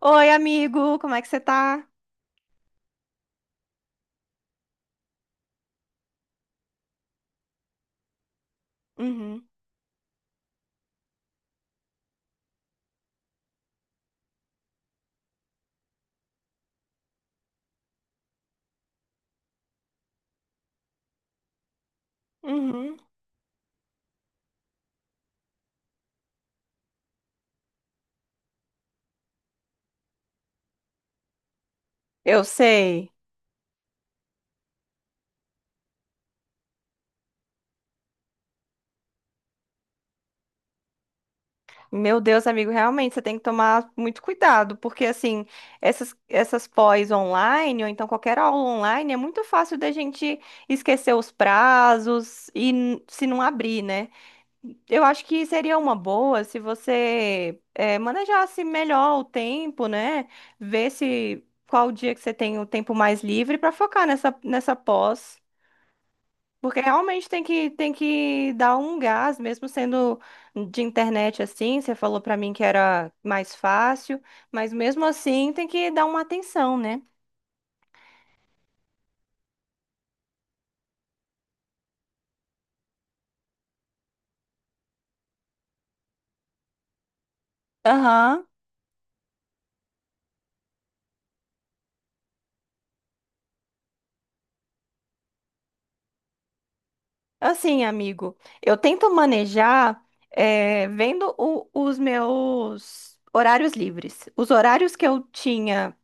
Oi, amigo, como é que você tá? Uhum, uhum. Eu sei. Meu Deus, amigo, realmente você tem que tomar muito cuidado, porque assim, essas pós online, ou então qualquer aula online, é muito fácil da gente esquecer os prazos e se não abrir, né? Eu acho que seria uma boa se você manejasse melhor o tempo, né? Ver se qual dia que você tem o tempo mais livre para focar nessa pós. Porque realmente tem que dar um gás, mesmo sendo de internet assim. Você falou pra mim que era mais fácil, mas mesmo assim tem que dar uma atenção, né? Aham. Assim, amigo, eu tento manejar vendo os meus horários livres. Os horários que eu tinha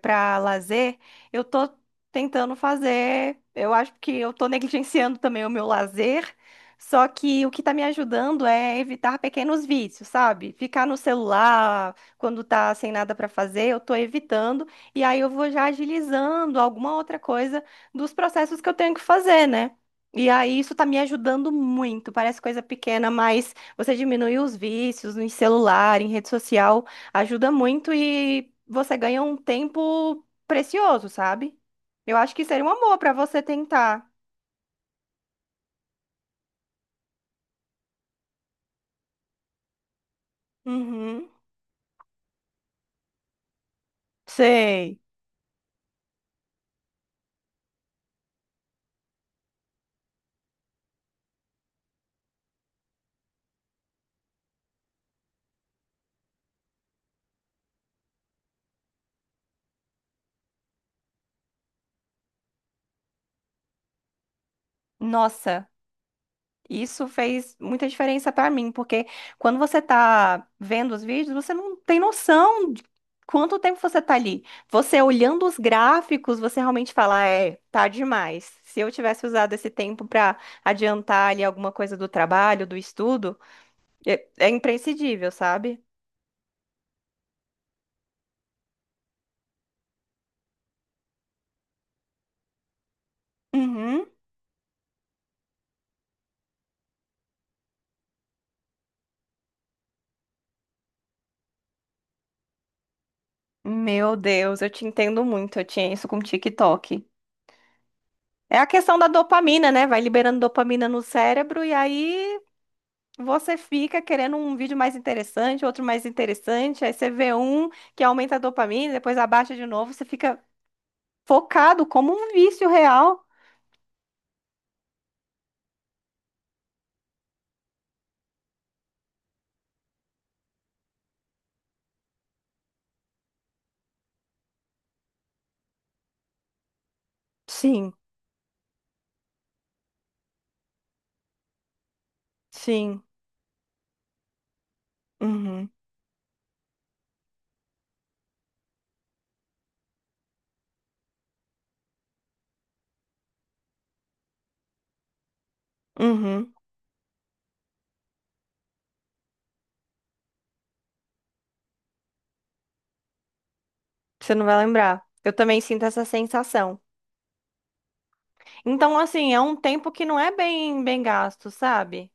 para lazer, eu tô tentando fazer. Eu acho que eu tô negligenciando também o meu lazer. Só que o que tá me ajudando é evitar pequenos vícios, sabe? Ficar no celular quando tá sem nada para fazer, eu tô evitando. E aí eu vou já agilizando alguma outra coisa dos processos que eu tenho que fazer, né? E aí, isso tá me ajudando muito. Parece coisa pequena, mas você diminui os vícios em celular, em rede social, ajuda muito e você ganha um tempo precioso, sabe? Eu acho que seria um amor pra você tentar. Uhum. Sei. Nossa. Isso fez muita diferença pra mim, porque quando você tá vendo os vídeos, você não tem noção de quanto tempo você tá ali. Você olhando os gráficos, você realmente fala, é, tá demais. Se eu tivesse usado esse tempo pra adiantar ali alguma coisa do trabalho, do estudo, é, é imprescindível, sabe? Uhum. Meu Deus, eu te entendo muito. Eu tinha isso com o TikTok. É a questão da dopamina, né? Vai liberando dopamina no cérebro e aí você fica querendo um vídeo mais interessante, outro mais interessante, aí você vê um que aumenta a dopamina, depois abaixa de novo, você fica focado como um vício real. Sim, sim. Uhum, uhum. Você não vai lembrar. Eu também sinto essa sensação. Então, assim, é um tempo que não é bem, bem gasto, sabe?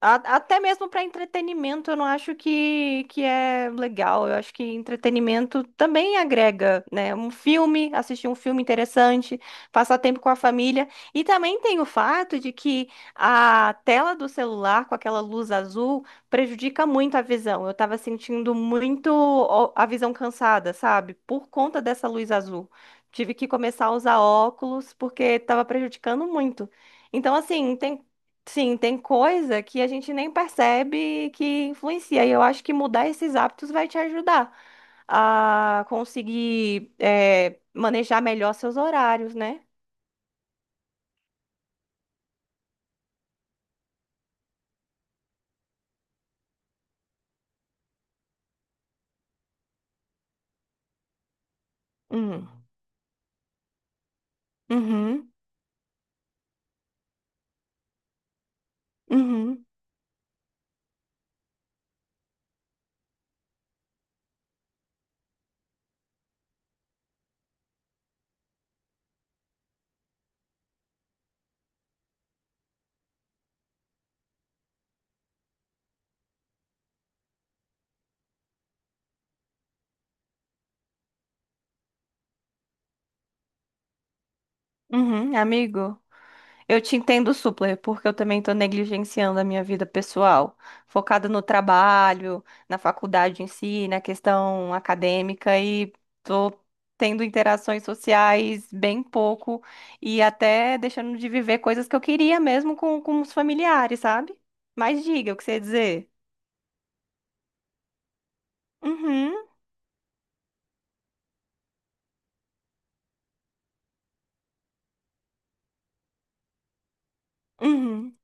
Até mesmo para entretenimento, eu não acho que é legal. Eu acho que entretenimento também agrega, né? Um filme, assistir um filme interessante, passar tempo com a família. E também tem o fato de que a tela do celular, com aquela luz azul, prejudica muito a visão. Eu estava sentindo muito ó, a visão cansada, sabe? Por conta dessa luz azul. Tive que começar a usar óculos porque estava prejudicando muito. Então, assim, tem. Sim, tem coisa que a gente nem percebe que influencia. E eu acho que mudar esses hábitos vai te ajudar a conseguir manejar melhor seus horários, né? Hum. Uhum, uhum, uhum, uhum. Amigo, eu te entendo super, porque eu também estou negligenciando a minha vida pessoal, focada no trabalho, na faculdade em si, na questão acadêmica e estou tendo interações sociais bem pouco e até deixando de viver coisas que eu queria mesmo com os familiares, sabe? Mas diga o que você ia dizer. Uhum, uhum,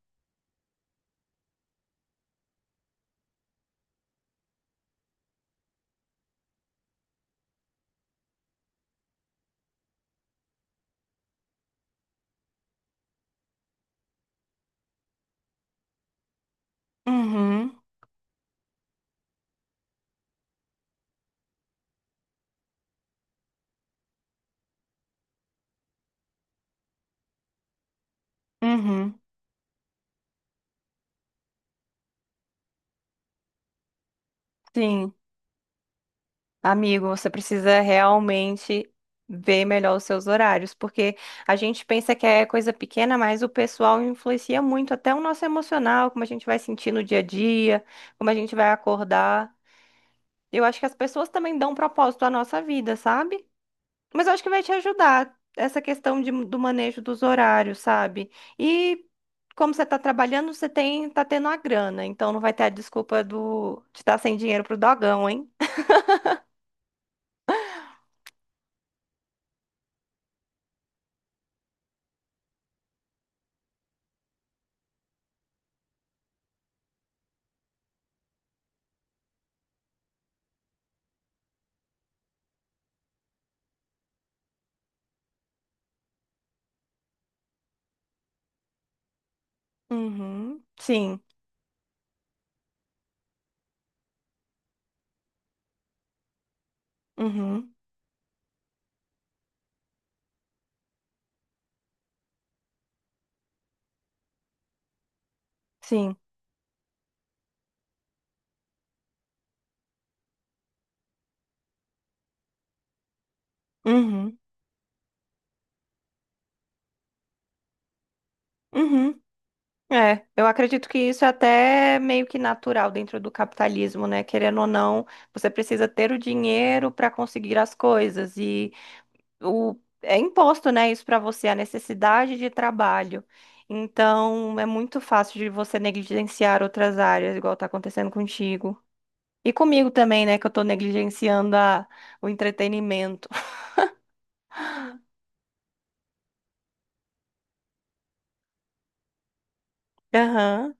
uhum, uhum. Sim. Amigo, você precisa realmente ver melhor os seus horários, porque a gente pensa que é coisa pequena, mas o pessoal influencia muito até o nosso emocional, como a gente vai sentir no dia a dia, como a gente vai acordar. Eu acho que as pessoas também dão propósito à nossa vida, sabe? Mas eu acho que vai te ajudar essa questão do manejo dos horários, sabe? E como você está trabalhando, você tem, tá tendo a grana, então não vai ter a desculpa do, de estar sem dinheiro pro dogão, hein? Uhum, sim. Uhum, sim. Uhum, uhum. É, eu acredito que isso é até meio que natural dentro do capitalismo, né? Querendo ou não, você precisa ter o dinheiro para conseguir as coisas e o é imposto, né, isso para você, a necessidade de trabalho. Então, é muito fácil de você negligenciar outras áreas, igual tá acontecendo contigo. E comigo também, né, que eu tô negligenciando a, o entretenimento. Aham.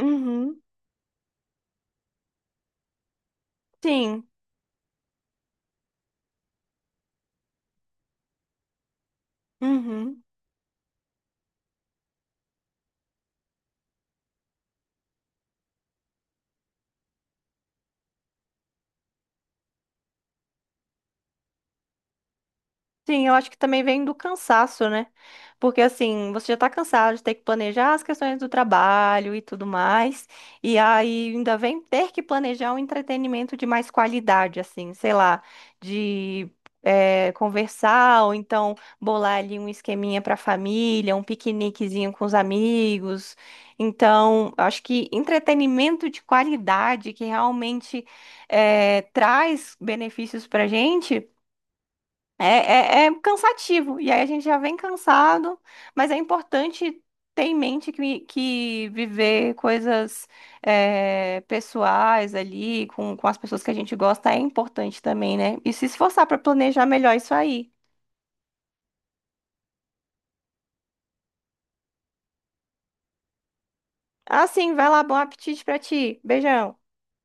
Uhum. Sim. Uhum. Sim, eu acho que também vem do cansaço, né? Porque assim, você já tá cansado de ter que planejar as questões do trabalho e tudo mais, e aí ainda vem ter que planejar um entretenimento de mais qualidade, assim, sei lá, de conversar, ou então bolar ali um esqueminha pra família, um piqueniquezinho com os amigos. Então, eu acho que entretenimento de qualidade que realmente traz benefícios pra gente. É, é, é cansativo, e aí a gente já vem cansado, mas é importante ter em mente que viver coisas é, pessoais ali, com as pessoas que a gente gosta, é importante também, né? E se esforçar para planejar melhor isso aí. Ah, sim, vai lá, bom apetite para ti. Beijão.